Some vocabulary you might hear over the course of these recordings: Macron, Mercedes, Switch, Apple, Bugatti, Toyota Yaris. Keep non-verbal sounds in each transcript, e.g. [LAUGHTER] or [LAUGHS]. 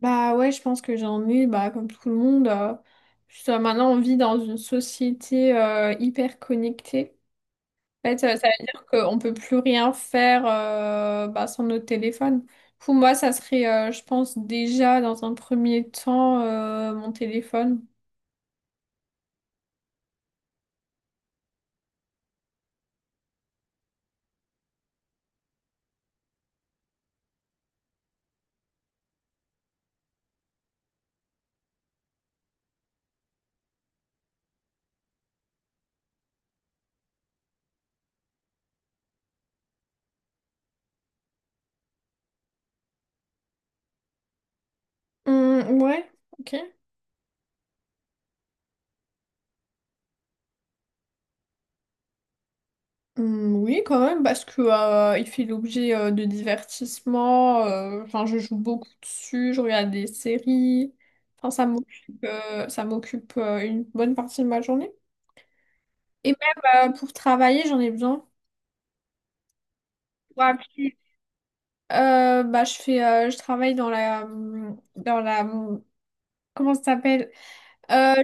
Bah ouais, je pense que j'en ai, bah, comme tout le monde. Juste, maintenant, on vit dans une société hyper connectée. En fait, ça veut dire qu'on peut plus rien faire bah, sans notre téléphone. Pour moi, ça serait, je pense, déjà dans un premier temps, mon téléphone. Ouais, ok. Oui, quand même, parce que il fait l'objet de divertissements. Enfin, je joue beaucoup dessus, je regarde des séries. Enfin, ça m'occupe, une bonne partie de ma journée. Et même pour travailler, j'en ai besoin. Pour appuyer. Bah, je travaille dans la, comment ça s'appelle? Euh,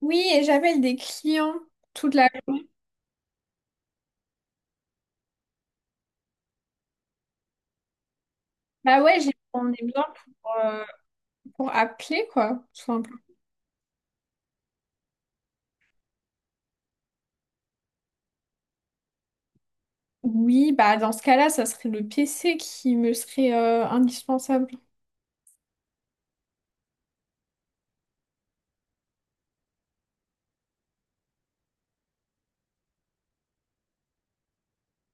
oui, et j'appelle des clients toute la journée. Bah ouais, j'en ai besoin pour, euh, pour appeler quoi, tout simplement. Oui, bah dans ce cas-là, ça serait le PC qui me serait indispensable.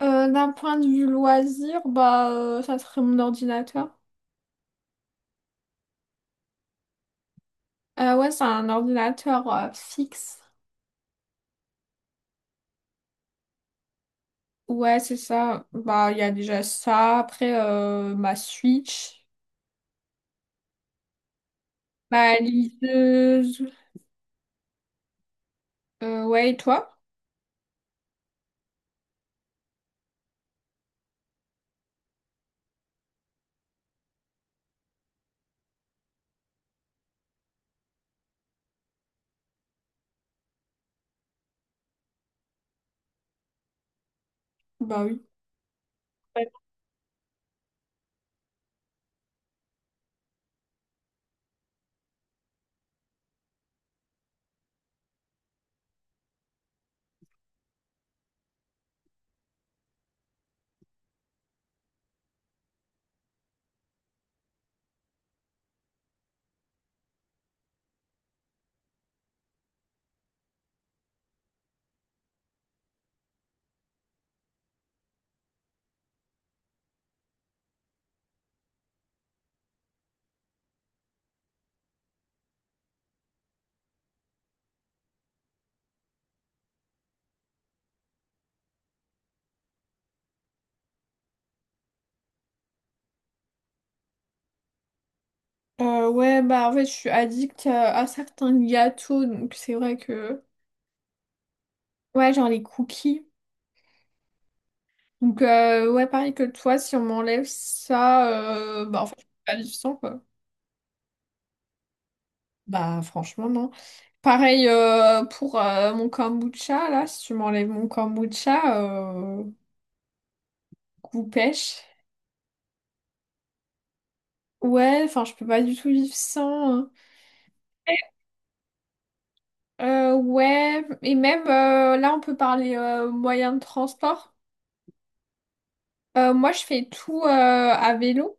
D'un point de vue loisir, ça serait mon ordinateur. Ouais, c'est un ordinateur fixe. Ouais, c'est ça. Bah il y a déjà ça. Après ma Switch, ma liseuse. Ouais, et toi? Bah oui. Ouais. Ouais, bah en fait, je suis addict à certains gâteaux, donc c'est vrai que ouais, genre les cookies. Donc, ouais, pareil que toi, si on m'enlève ça, bah, en fait, je peux pas vivre sans, quoi. Bah, franchement, non. Pareil pour mon kombucha, là, si tu m'enlèves mon kombucha, goût pêche. Ouais, enfin, je peux pas du tout vivre sans, hein. Ouais, et même là, on peut parler moyens de transport. Moi, je fais tout à vélo.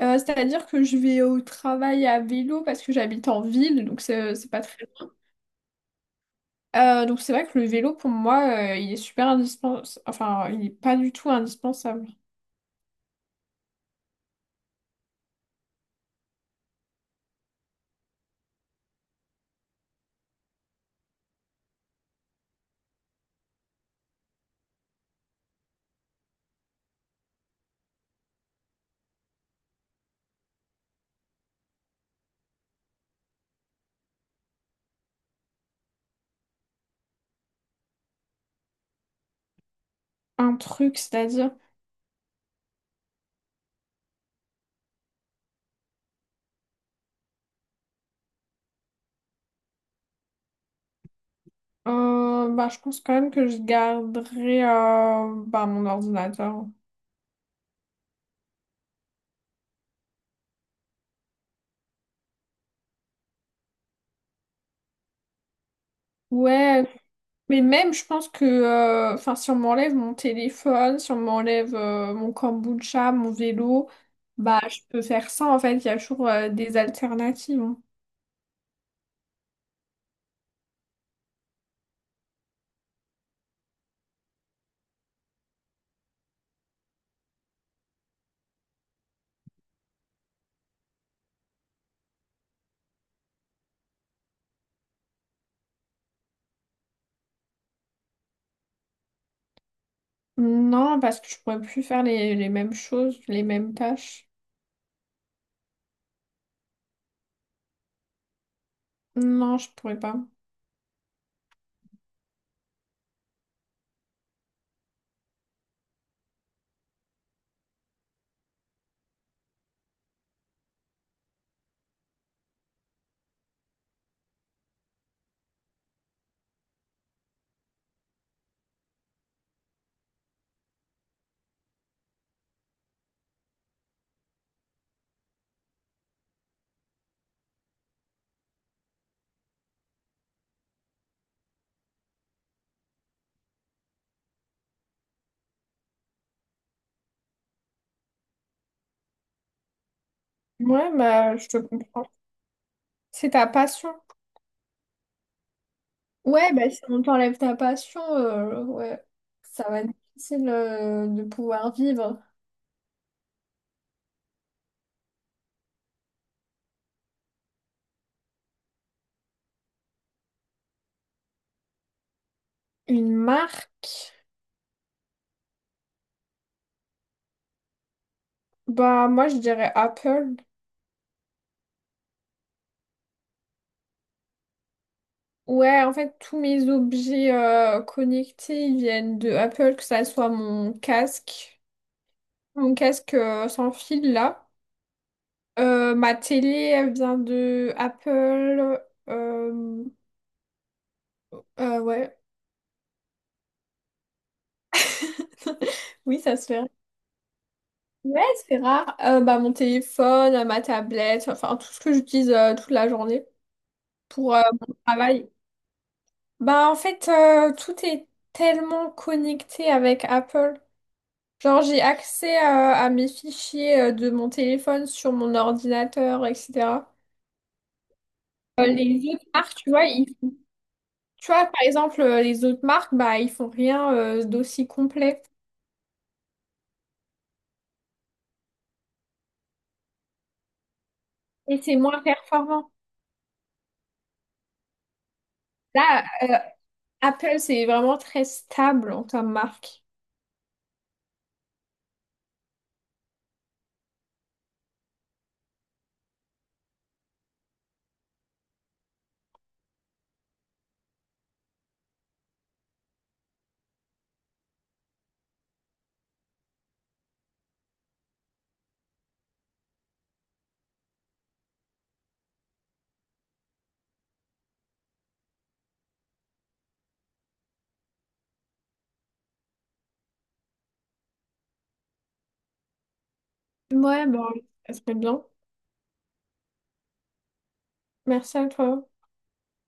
C'est-à-dire que je vais au travail à vélo parce que j'habite en ville, donc c'est pas très… donc c'est vrai que le vélo pour moi il est super indispensable, enfin il est pas du tout indispensable. Un truc, c'est-à-dire, bah, je pense quand même que je garderai bah, mon ordinateur. Ouais, mais même je pense que enfin si on m'enlève mon téléphone, si on m'enlève mon kombucha, mon vélo, bah je peux faire ça en fait, il y a toujours des alternatives, hein. Non, parce que je pourrais plus faire les mêmes choses, les mêmes tâches. Non, je pourrais pas. Ouais, bah, je te comprends. C'est ta passion. Ouais, bah, si on t'enlève ta passion, ouais, ça va être difficile, de pouvoir vivre. Une marque? Bah, moi, je dirais Apple. Ouais, en fait, tous mes objets, connectés, ils viennent de Apple, que ça soit mon casque, sans fil, là. Ma télé, elle vient de Apple. Euh, ouais. [LAUGHS] Oui, ça se fait. Ouais, c'est rare. Bah, mon téléphone, ma tablette, enfin tout ce que j'utilise toute la journée pour mon travail. Bah, en fait, tout est tellement connecté avec Apple. Genre, j'ai accès à mes fichiers de mon téléphone sur mon ordinateur, etc. Les autres marques, tu vois, ils… tu vois, par exemple, les autres marques, bah, ils font rien d'aussi complet et c'est moins performant. Là, Apple, c'est vraiment très stable en tant que marque. Ouais, bon, ça serait bien. Merci à toi.